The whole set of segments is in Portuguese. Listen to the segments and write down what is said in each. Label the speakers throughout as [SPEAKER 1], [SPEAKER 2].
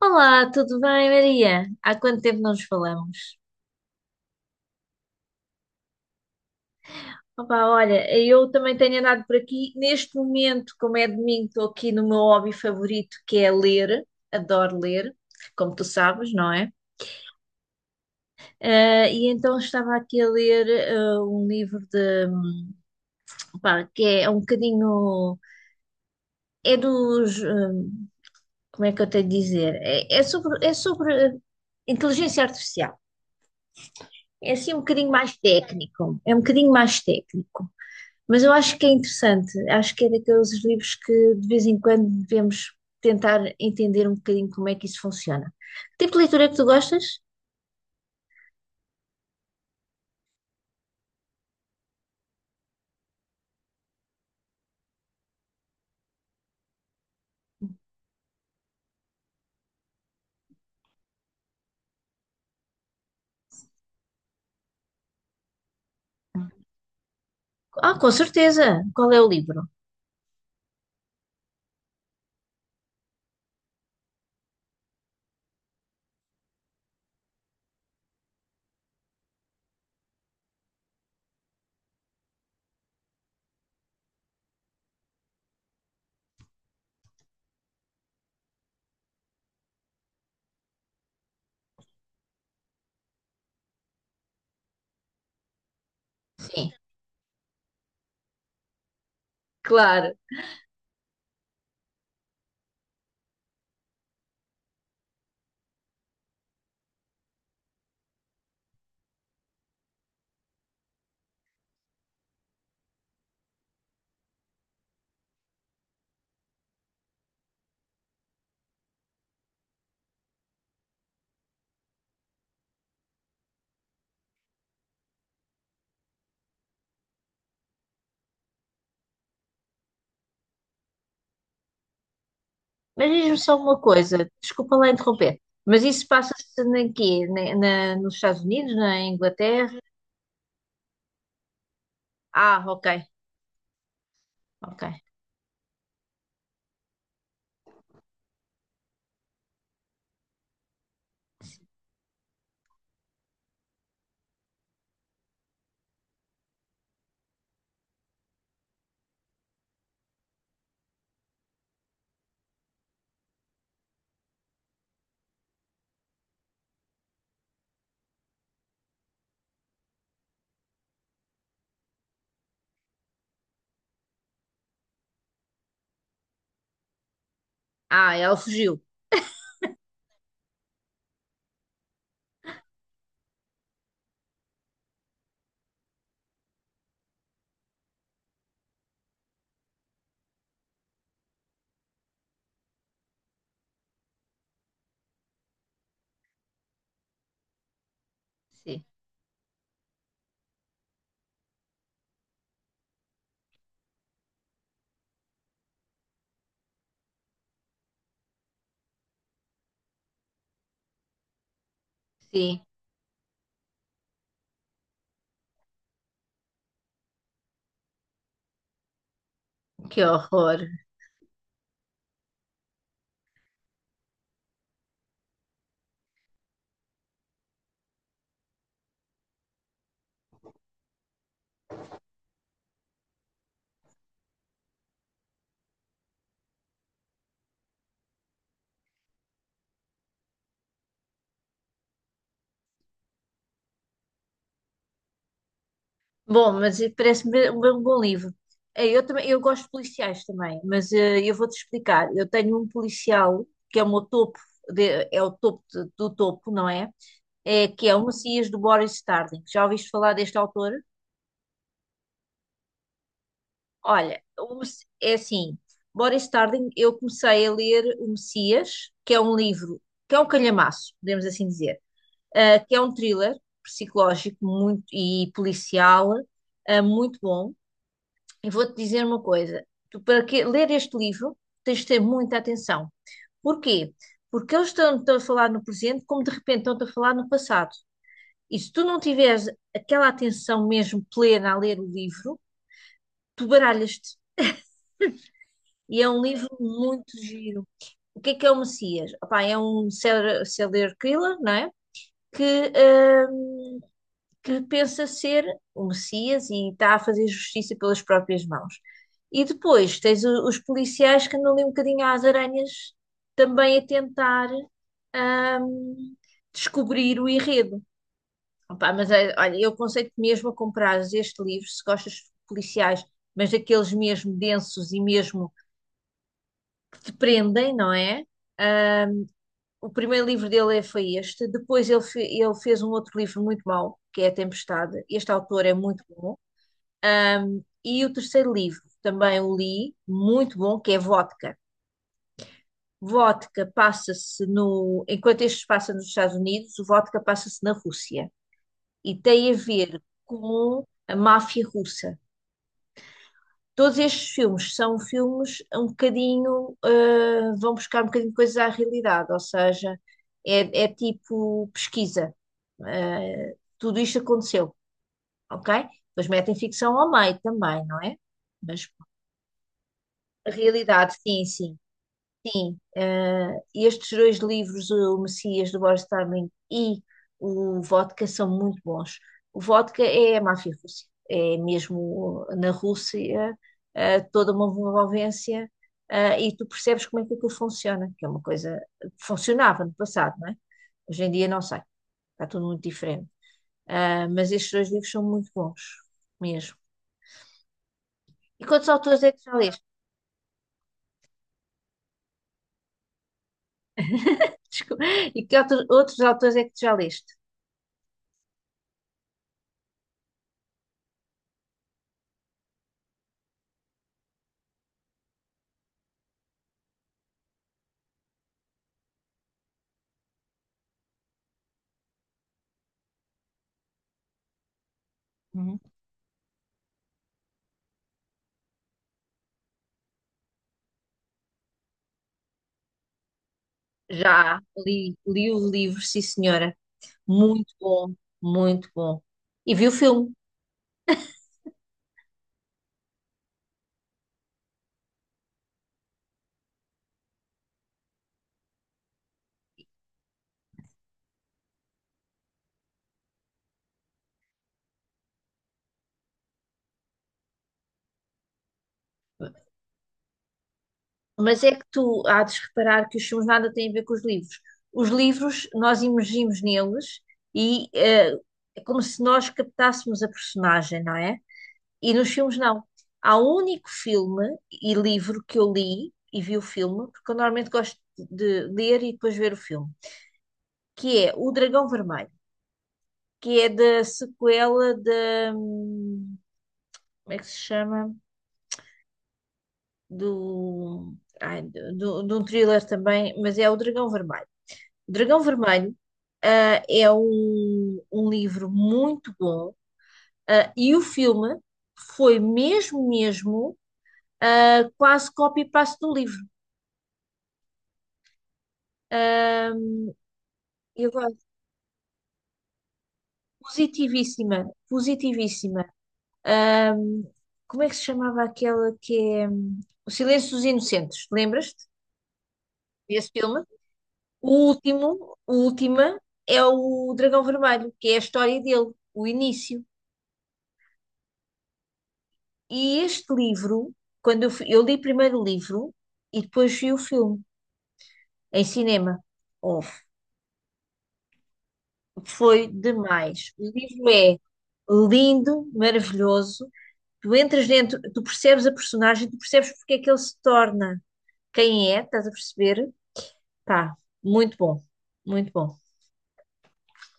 [SPEAKER 1] Olá, tudo bem, Maria? Há quanto tempo não nos falamos? Olha, eu também tenho andado por aqui. Neste momento, como é domingo, estou aqui no meu hobby favorito, que é ler. Adoro ler, como tu sabes, não é? E então estava aqui a ler um livro de, que é um bocadinho, é dos, como é que eu tenho de dizer? É sobre inteligência artificial. É assim um bocadinho mais técnico. Mas eu acho que é interessante, acho que é daqueles livros que de vez em quando devemos tentar entender um bocadinho como é que isso funciona. Que tipo de leitura é que tu gostas? Ah, com certeza. Qual é o livro? Sim, claro. Mas diz-me só uma coisa, desculpa lá interromper, mas isso passa-se na quê? Nos Estados Unidos, na Inglaterra? Ah, ok, ok. Ah, ela fugiu. Sim, sim, que horror. Bom, mas parece-me um bom livro. Eh, Eu também, eu gosto de policiais também, mas eu vou-te explicar. Eu tenho um policial que é o meu topo, é o topo do topo, não é? É que é O Messias, do Boris Starling. Já ouviste falar deste autor? Olha, é assim, Boris Starling, eu comecei a ler O Messias, que é um livro, que é um calhamaço, podemos assim dizer, que é um thriller psicológico muito e policial, muito bom. E vou-te dizer uma coisa: tu, ler este livro, tens de ter muita atenção. Porquê? Porque eles estão a falar no presente, como de repente estão a falar no passado. E se tu não tiveres aquela atenção mesmo plena a ler o livro, tu baralhas-te. E é um livro muito giro. O que é O Messias? Opá, é um serial killer, não é? Que que pensa ser O Messias e está a fazer justiça pelas próprias mãos. E depois tens os policiais que andam ali um bocadinho às aranhas também a tentar ahm, descobrir o enredo. Opá, mas olha, eu aconselho-te mesmo a comprares este livro se gostas de policiais, mas daqueles mesmo densos e mesmo que te prendem, não é? Hum, O primeiro livro dele foi este. Depois ele, ele fez um outro livro muito mau, que é A Tempestade. Este autor é muito bom. E o terceiro livro também o li, muito bom, que é Vodka. Vodka passa-se no. Enquanto este se passa nos Estados Unidos, o Vodka passa-se na Rússia. E tem a ver com a máfia russa. Todos estes filmes são filmes um bocadinho, vão buscar um bocadinho coisas à realidade, ou seja, é tipo pesquisa. Tudo isto aconteceu, ok? Depois metem ficção ao meio também, não é? Mas a realidade, sim, sim. Sim, estes dois livros, O Messias, do Boris Tarling, e O Vodka, são muito bons. O Vodka é a máfia russa, é mesmo na Rússia, toda uma envolvência, e tu percebes como é que aquilo funciona, que é uma coisa que funcionava no passado, não é? Hoje em dia não sei, está tudo muito diferente. Ah, mas estes dois livros são muito bons, mesmo. E quantos autores é que já leste? Desculpa. E que outros autores é que tu já leste? Já li, li o livro, sim, senhora. Muito bom, muito bom. E vi o filme. Mas é que tu há de reparar que os filmes nada têm a ver com os livros. Os livros, nós imergimos neles e é como se nós captássemos a personagem, não é? E nos filmes não. Há um único filme e livro que eu li e vi o filme, porque eu normalmente gosto de ler e depois ver o filme, que é O Dragão Vermelho, que é da sequela da, como é que se chama? Do, de um thriller também, mas é O Dragão Vermelho. Dragão Vermelho, ah, é um livro muito bom, e o filme foi mesmo, mesmo, quase copy-paste do livro. Ah, e agora, positivíssima, positivíssima. Ah, Como é que se chamava aquela que é O Silêncio dos Inocentes? Lembras-te desse filme? O última, é O Dragão Vermelho, que é a história dele, o início. E este livro, eu li primeiro o livro e depois vi o filme em cinema. Oh, foi demais. O livro é lindo, maravilhoso. Tu entras dentro, tu percebes a personagem, tu percebes porque é que ele se torna quem é, estás a perceber? Pá, muito bom, muito bom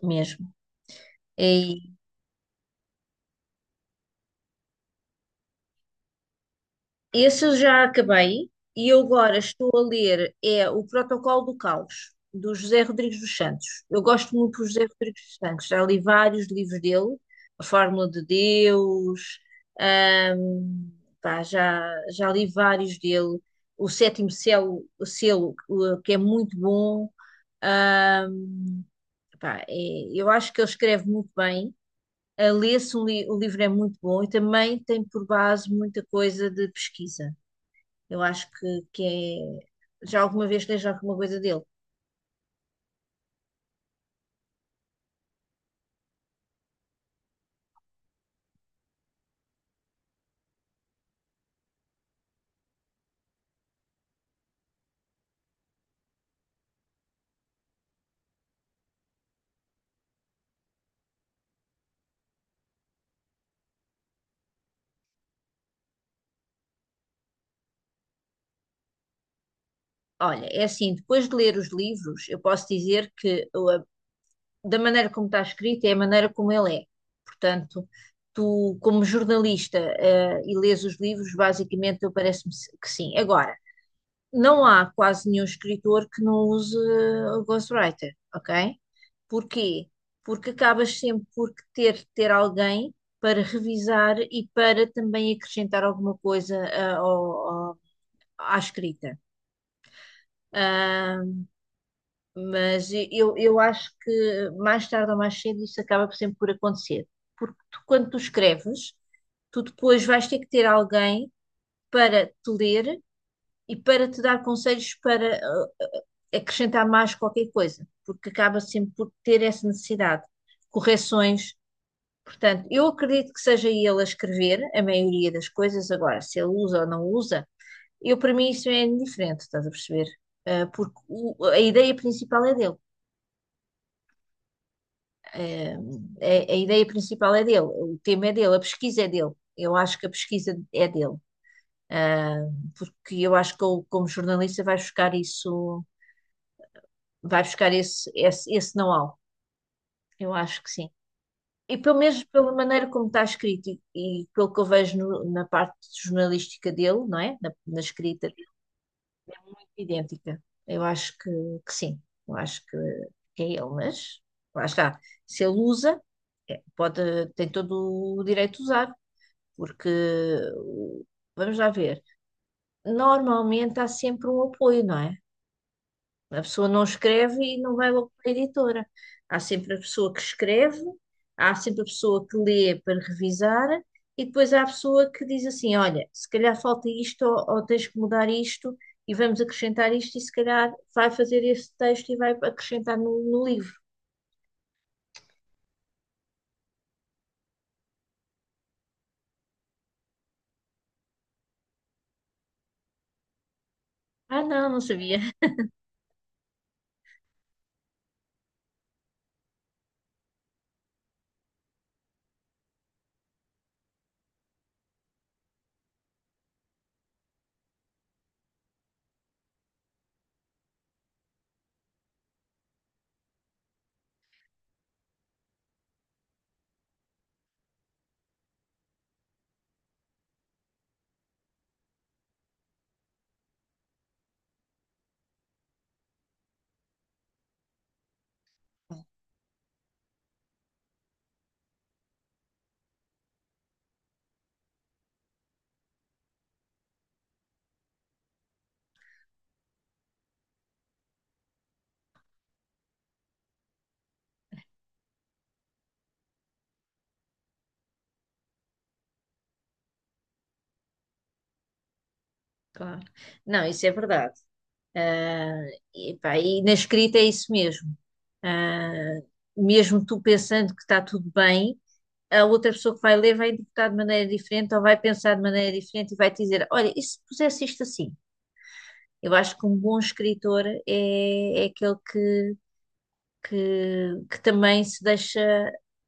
[SPEAKER 1] mesmo. É Esse eu já acabei, e eu agora estou a ler é O Protocolo do Caos, do José Rodrigues dos Santos. Eu gosto muito do José Rodrigues dos Santos, já li vários livros dele: A Fórmula de Deus, ahm, pá, já, já li vários dele. O Sétimo Selo, que é muito bom. ahm, pá, eu acho que ele escreve muito bem. A Lê-se um li- O livro é muito bom e também tem por base muita coisa de pesquisa. Eu acho que é. Já alguma vez leste alguma coisa dele? Olha, é assim, depois de ler os livros, eu posso dizer que da maneira como está escrito é a maneira como ele é. Portanto, tu, como jornalista, e lês os livros, basicamente, eu parece-me se- que sim. Agora, não há quase nenhum escritor que não use o ghostwriter, ok? Porquê? Porque acabas sempre por ter alguém para revisar e para também acrescentar alguma coisa ao- à escrita. Ah, mas eu acho que mais tarde ou mais cedo isso acaba sempre por acontecer. Porque tu, quando tu escreves, tu depois vais ter que ter alguém para te ler e para te dar conselhos para acrescentar mais qualquer coisa, porque acaba sempre por ter essa necessidade. Correções. Portanto, eu acredito que seja ele a escrever a maioria das coisas. Agora, se ele usa ou não usa, eu, para mim, isso é indiferente, estás a perceber? Porque a ideia principal é dele. Ah, a, a ideia principal é dele, o tema é dele, a pesquisa é dele. Eu acho que a pesquisa é dele. Ah, Porque eu acho que ele, como jornalista, vai buscar isso, vai buscar esse know-how. Eu acho que sim. E pelo menos pela maneira como está escrito e pelo que eu vejo na parte jornalística dele, não é? Na escrita, idêntica. Eu acho que sim, eu acho que é ele, mas lá está. Se ele usa, pode, tem todo o direito de usar, porque o- vamos lá ver. Normalmente há sempre um apoio, não é? A pessoa não escreve e não vai logo para a editora. Há sempre a pessoa que escreve, há sempre a pessoa que lê para revisar, e depois há a pessoa que diz assim: olha, se calhar falta isto, ou tens que mudar isto, e vamos acrescentar isto, e se calhar vai fazer esse texto e vai acrescentar no livro. Ah, não, não sabia. Claro. Não, isso é verdade. Ah, e, pá, e na escrita é isso mesmo. Ah, Mesmo tu pensando que está tudo bem, a outra pessoa que vai ler vai interpretar de maneira diferente ou vai pensar de maneira diferente e vai te dizer: olha, e se pusesse isto assim? Eu acho que um bom escritor é aquele que também se deixa,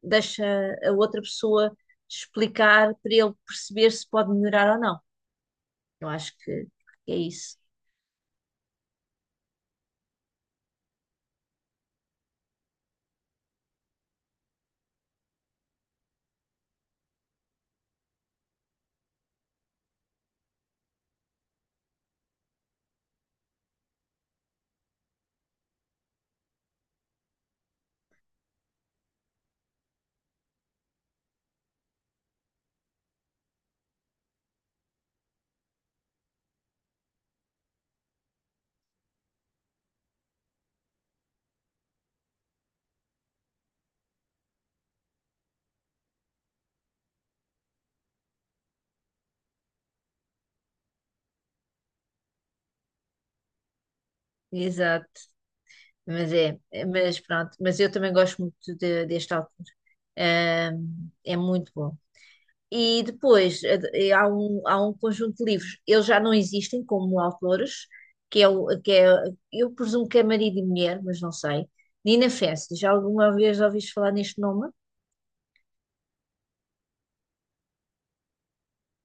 [SPEAKER 1] deixa a outra pessoa explicar para ele perceber se pode melhorar ou não. Eu acho que é isso. Exato. Mas mas pronto. Mas eu também gosto muito deste autor. É muito bom. E depois há há um conjunto de livros. Eles já não existem como autores, que é, eu presumo que é marido e mulher, mas não sei. Nina Fences, já alguma vez ouviste falar neste nome?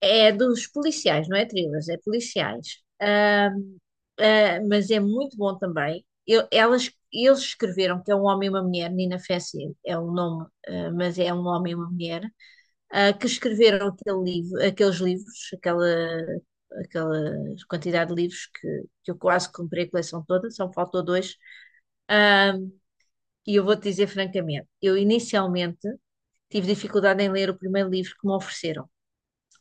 [SPEAKER 1] É dos policiais, não é thrillers, é policiais. Mas é muito bom também. Eles escreveram, que é um homem e uma mulher. Nina Fences é um nome, ah, mas é um homem e uma mulher. Que escreveram aquele livro, aqueles livros, aquela quantidade de livros que eu quase comprei a coleção toda, só me faltou dois. Ah, e eu vou-te dizer francamente, eu inicialmente tive dificuldade em ler o primeiro livro que me ofereceram,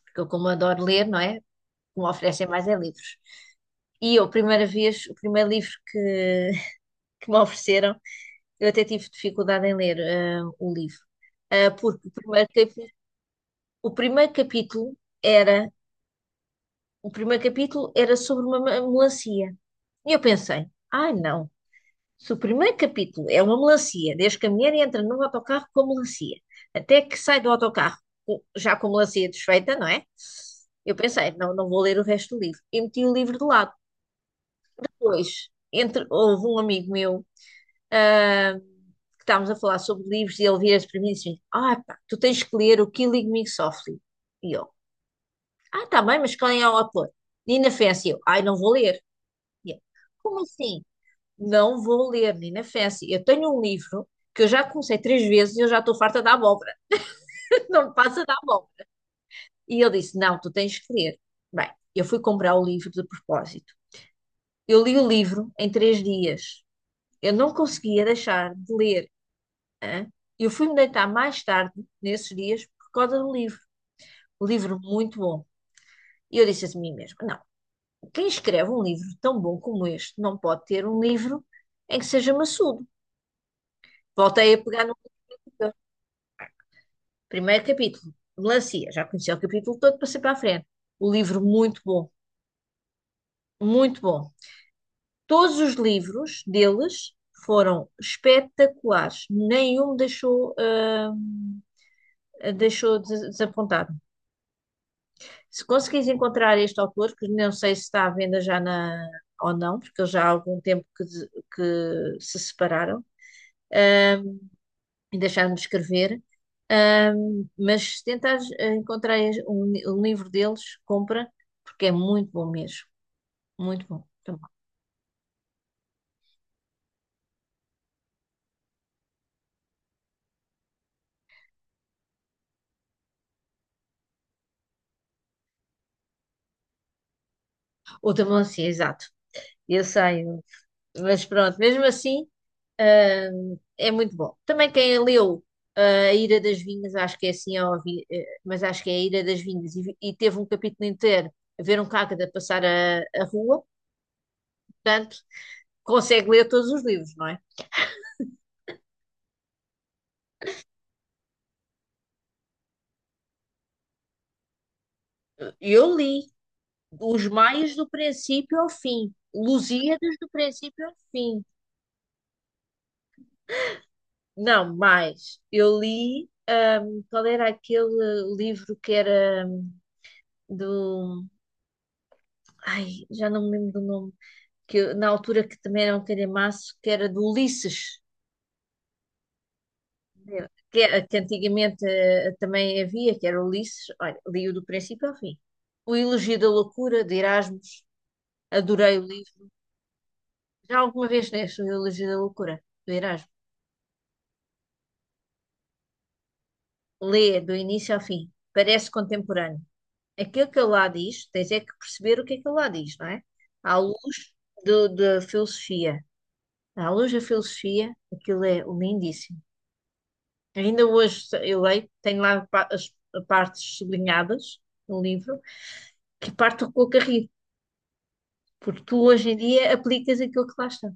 [SPEAKER 1] porque eu, como adoro ler, não é? O que me oferecem mais é livros. E eu, a primeira vez, o primeiro livro que me ofereceram, eu até tive dificuldade em ler o livro. Porque o primeiro, o primeiro capítulo era era sobre uma melancia. E eu pensei, ai não, se o primeiro capítulo é uma melancia, desde que a mulher entra num autocarro com a melancia, até que sai do autocarro já com a melancia desfeita, não é? Eu pensei, não, não vou ler o resto do livro. E meti o livro de lado. Depois, entre, houve um amigo meu, ah, que estávamos a falar sobre livros, e ele vira-se para mim e disse: Ah, pá, tu tens que ler o Killing Me Softly. E eu, ah, tá bem, mas quem é o autor? Nina Fence. E eu, ai, não vou ler. E como assim? Não vou ler, menina Fancy. Eu tenho um livro que eu já comecei três vezes e eu já estou farta da abóbora. Não me passa da abóbora. E ele disse: Não, tu tens que ler. Bem, eu fui comprar o livro de propósito. Eu li o livro em três dias. Eu não conseguia deixar de ler. Hã? Eu fui-me deitar mais tarde, nesses dias, por causa do livro. Um livro muito bom. E eu disse a mim mesma: Não, quem escreve um livro tão bom como este não pode ter um livro em que seja maçudo. Voltei a pegar no livro. Primeiro capítulo, melancia. Já conheci o capítulo todo, passei para a frente. O livro muito bom, muito bom. Todos os livros deles foram espetaculares. Nenhum me deixou, deixou desapontado. Se conseguires encontrar este autor, que não sei se está à venda já na, ou não, porque eles já há algum tempo que, que se separaram, ah, e deixar-me escrever. Mas se tentares encontrar um livro deles, compra, porque é muito bom mesmo. Muito bom. Também. Ou também assim, exato. Eu sei, mas pronto, mesmo assim, é muito bom. Também quem leu ah, A Ira das Vinhas, acho que é assim, é óbvio, eh, mas acho que é A Ira das Vinhas, e teve um capítulo inteiro a ver um cágado a passar a rua, portanto, consegue ler todos os livros, não é? Eu li. Os Maias do princípio ao fim. Lusíadas do princípio ao fim. Não, mais. Eu li. Qual era aquele livro que era do. Ai, já não me lembro do nome. Que, na altura que também era um calhamaço, que era do Ulisses. Que, que antigamente também havia, que era Ulisses. Olha, li-o do princípio ao fim. O Elogio da Loucura, de Erasmus. Adorei o livro. Já alguma vez leste o Elogio da Loucura, do Erasmus? Lê do início ao fim, parece contemporâneo. Aquilo que ele lá diz, tens é que perceber o que é que ele lá diz, não é? À luz da filosofia. À luz da filosofia, aquilo é lindíssimo. Ainda hoje eu leio, tenho lá as partes sublinhadas no livro, que parto com o carrinho, porque tu hoje em dia aplicas aquilo que lá está.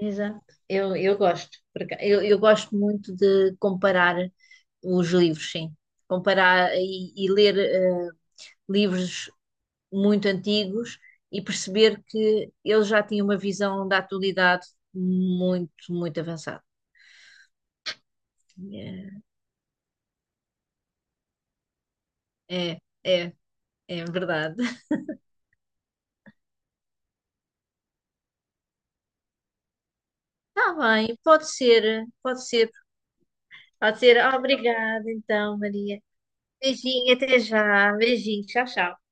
[SPEAKER 1] Exato. Eu gosto. Eu gosto muito de comparar os livros, sim. Comparar e ler. Livros muito antigos e perceber que ele já tinha uma visão da atualidade muito, muito avançada. É, é, é é verdade. Está bem, pode ser, pode ser. Pode ser. Obrigada, então, Maria. Beijinho, até já. Beijinho, tchau, tchau.